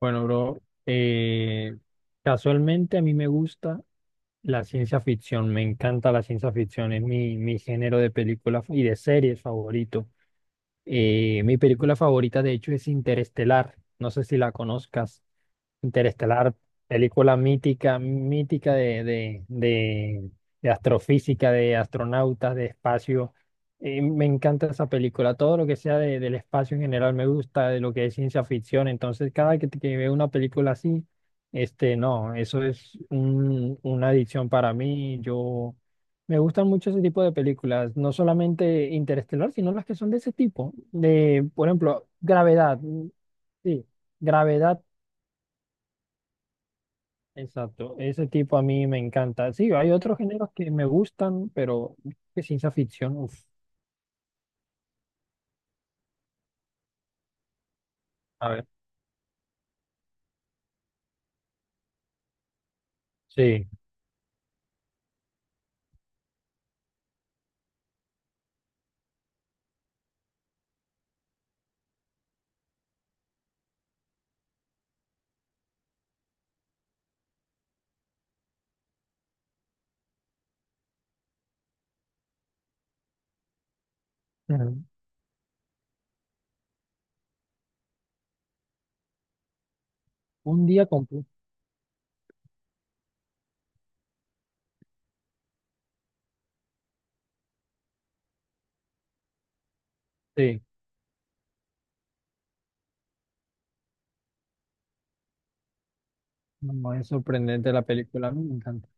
Bueno, bro, casualmente a mí me gusta la ciencia ficción, me encanta la ciencia ficción, es mi género de películas y de series favorito. Mi película favorita, de hecho, es Interestelar, no sé si la conozcas. Interestelar, película mítica, mítica de astrofísica, de astronautas, de espacio. Me encanta esa película, todo lo que sea del espacio en general me gusta, de lo que es ciencia ficción, entonces cada que veo una película así, este, no, eso es una adicción para mí, yo me gustan mucho ese tipo de películas, no solamente Interestelar, sino las que son de ese tipo, de, por ejemplo, Gravedad, mm, sí, Gravedad, exacto, ese tipo a mí me encanta, sí, hay otros géneros que me gustan, pero que ciencia ficción, uf, a ver, sí. Un día completo. Sí, no, es sorprendente la película, a mí me encanta.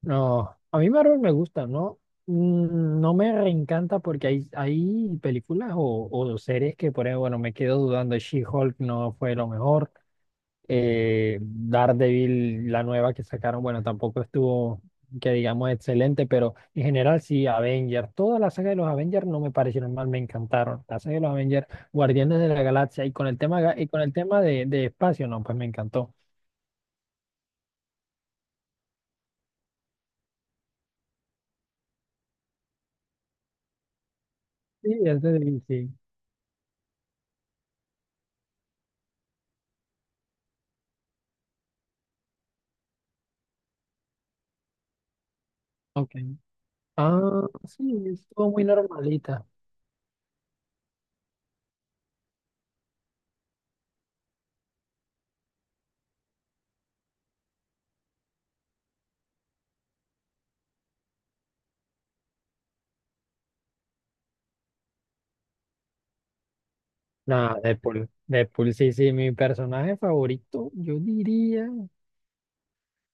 No, a mí Marvel me gusta, ¿no? Mm, no me reencanta porque hay películas o series que, por ejemplo, bueno, me quedo dudando. She-Hulk no fue lo mejor. Daredevil, la nueva que sacaron, bueno, tampoco estuvo, que digamos, excelente, pero en general sí, Avengers. Toda la saga de los Avengers no me parecieron mal, me encantaron. La saga de los Avengers, Guardianes de la Galaxia, y con el tema, y con el tema de espacio, no, pues me encantó. Sí, es de DC. Ok. Ah, sí, estuvo muy normalita. Nada, Deadpool. Deadpool, sí, sí, mi personaje favorito, yo diría.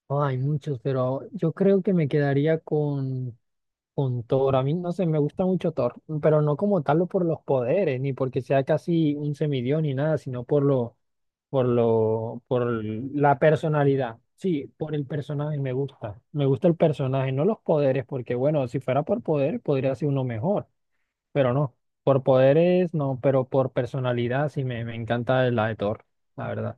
Oh, hay muchos, pero yo creo que me quedaría con Thor. A mí, no sé, me gusta mucho Thor, pero no como tal por los poderes, ni porque sea casi un semidios ni nada, sino por lo, por la personalidad. Sí, por el personaje me gusta. Me gusta el personaje, no los poderes, porque bueno, si fuera por poder, podría ser uno mejor. Pero no. Por poderes, no, pero por personalidad sí me encanta la de Thor, la verdad.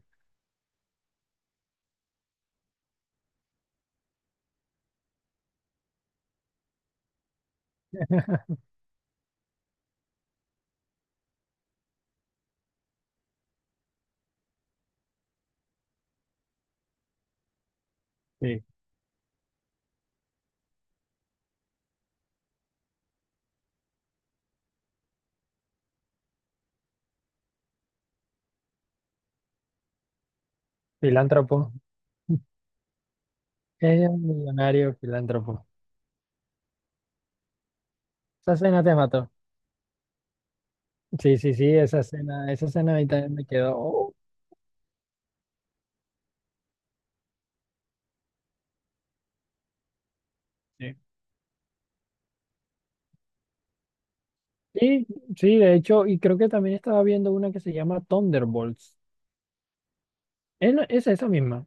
Sí, filántropo. Ella es un millonario filántropo. Esa escena te mató. Sí, sí, sí, esa escena a mí también me quedó. Oh. Sí. Sí, sí, de hecho, y creo que también estaba viendo una que se llama Thunderbolts. Es, es esa misma.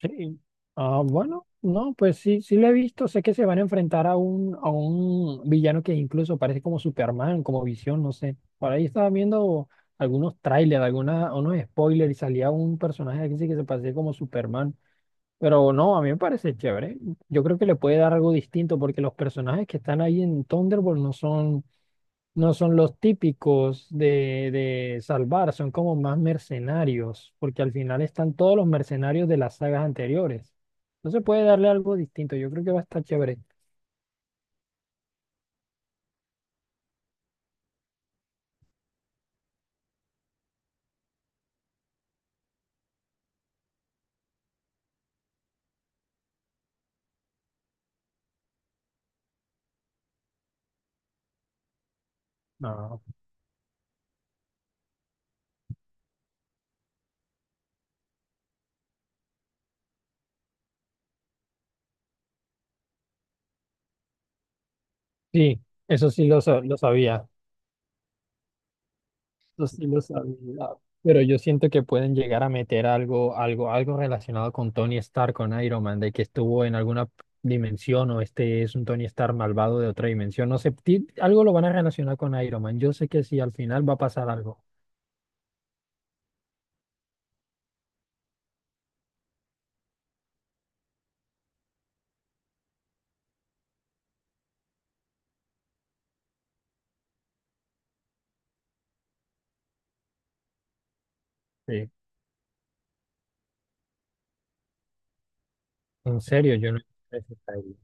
Sí. Ah, bueno, no, pues sí, sí lo he visto. Sé que se van a enfrentar a a un villano que incluso parece como Superman, como Visión, no sé. Por ahí estaba viendo algunos trailers, alguna, unos spoilers y salía un personaje aquí sí que se parecía como Superman. Pero no, a mí me parece chévere. Yo creo que le puede dar algo distinto porque los personajes que están ahí en Thunderbolt no son no son los típicos de salvar, son como más mercenarios, porque al final están todos los mercenarios de las sagas anteriores. Entonces puede darle algo distinto, yo creo que va a estar chévere. No. Sí, eso sí lo, lo sabía, eso sí lo sabía, pero yo siento que pueden llegar a meter algo, algo, algo relacionado con Tony Stark, con Iron Man, de que estuvo en alguna dimensión o este es un Tony Stark malvado de otra dimensión, no sé, algo lo van a relacionar con Iron Man, yo sé que sí, al final va a pasar algo. Sí. En serio, yo no he visto ese trailer.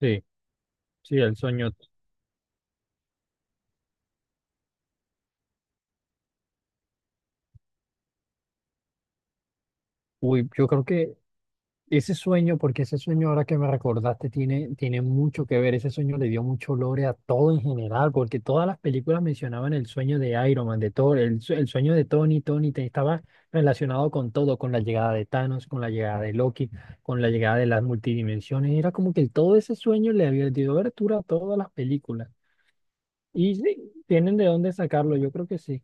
Sí, sí, el sueño. Uy, yo creo que ese sueño, porque ese sueño ahora que me recordaste tiene mucho que ver. Ese sueño le dio mucho lore a todo en general, porque todas las películas mencionaban el sueño de Iron Man, de Thor, el, el sueño de Tony, Tony estaba relacionado con todo, con la llegada de Thanos, con la llegada de Loki, con la llegada de las multidimensiones. Era como que todo ese sueño le había dio abertura a todas las películas. Y sí, tienen de dónde sacarlo, yo creo que sí.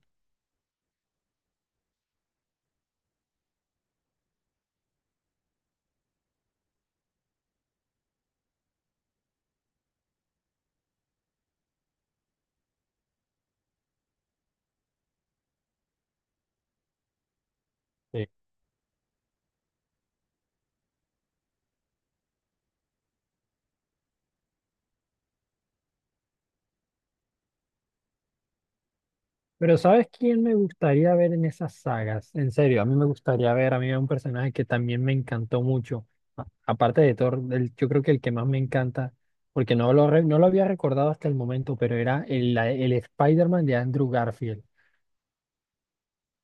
Pero ¿sabes quién me gustaría ver en esas sagas? En serio, a mí me gustaría ver, a mí hay un personaje que también me encantó mucho. Aparte de Thor, yo creo que el que más me encanta, porque no lo, no lo había recordado hasta el momento, pero era el, el Spider-Man de Andrew Garfield.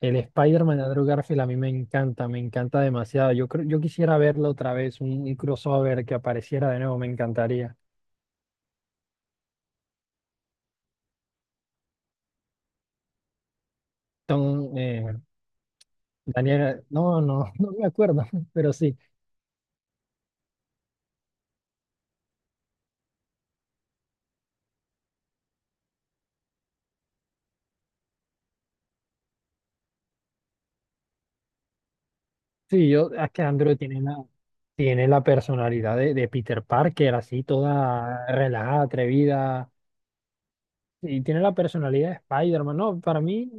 El Spider-Man de Andrew Garfield a mí me encanta demasiado. Yo creo, yo quisiera verlo otra vez, un crossover que apareciera de nuevo, me encantaría. Tom, Daniel, no, no, no me acuerdo, pero sí. Sí, yo, es que Andrew tiene una, tiene la personalidad de Peter Parker, así toda relajada, atrevida. Y tiene la personalidad de Spider-Man. No, para mí,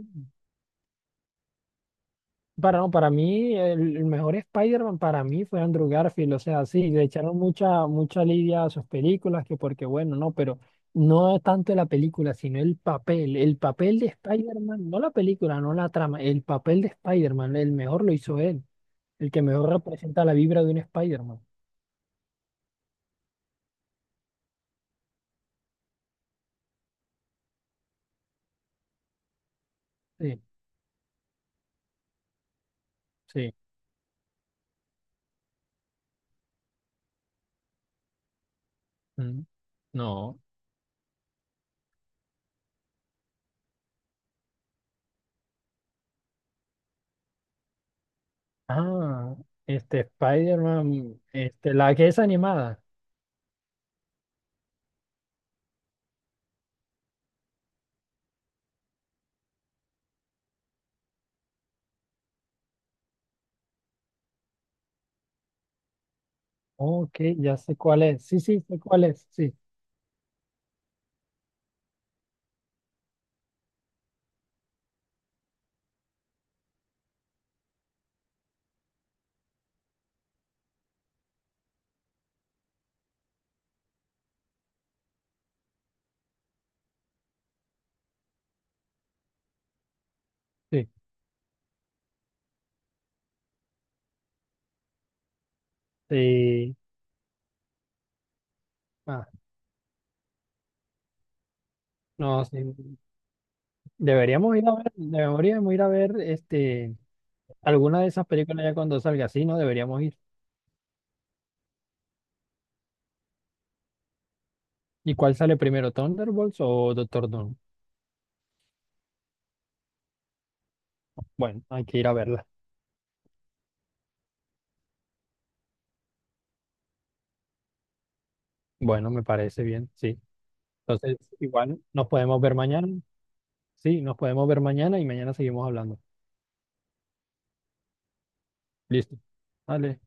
para, no, para mí, el mejor Spider-Man para mí fue Andrew Garfield. O sea, sí, le echaron mucha, mucha lidia a sus películas, que porque bueno, no, pero no es tanto la película, sino el papel. El papel de Spider-Man, no la película, no la trama, el papel de Spider-Man, el mejor lo hizo él, el que mejor representa la vibra de un Spider-Man. Sí, sí. Mm. No. Ah, este Spider-Man, este, la que es animada. Ok, ya sé cuál es. Sí, sí, sé cuál es. Sí, sí, sí. Ah, no, sí. Deberíamos ir a ver, deberíamos ir a ver este, alguna de esas películas ya cuando salga. Sí, no, deberíamos ir. ¿Y cuál sale primero, Thunderbolts o Doctor Doom? Bueno, hay que ir a verla. Bueno, me parece bien, sí. Entonces, igual nos podemos ver mañana. Sí, nos podemos ver mañana y mañana seguimos hablando. Listo. Vale.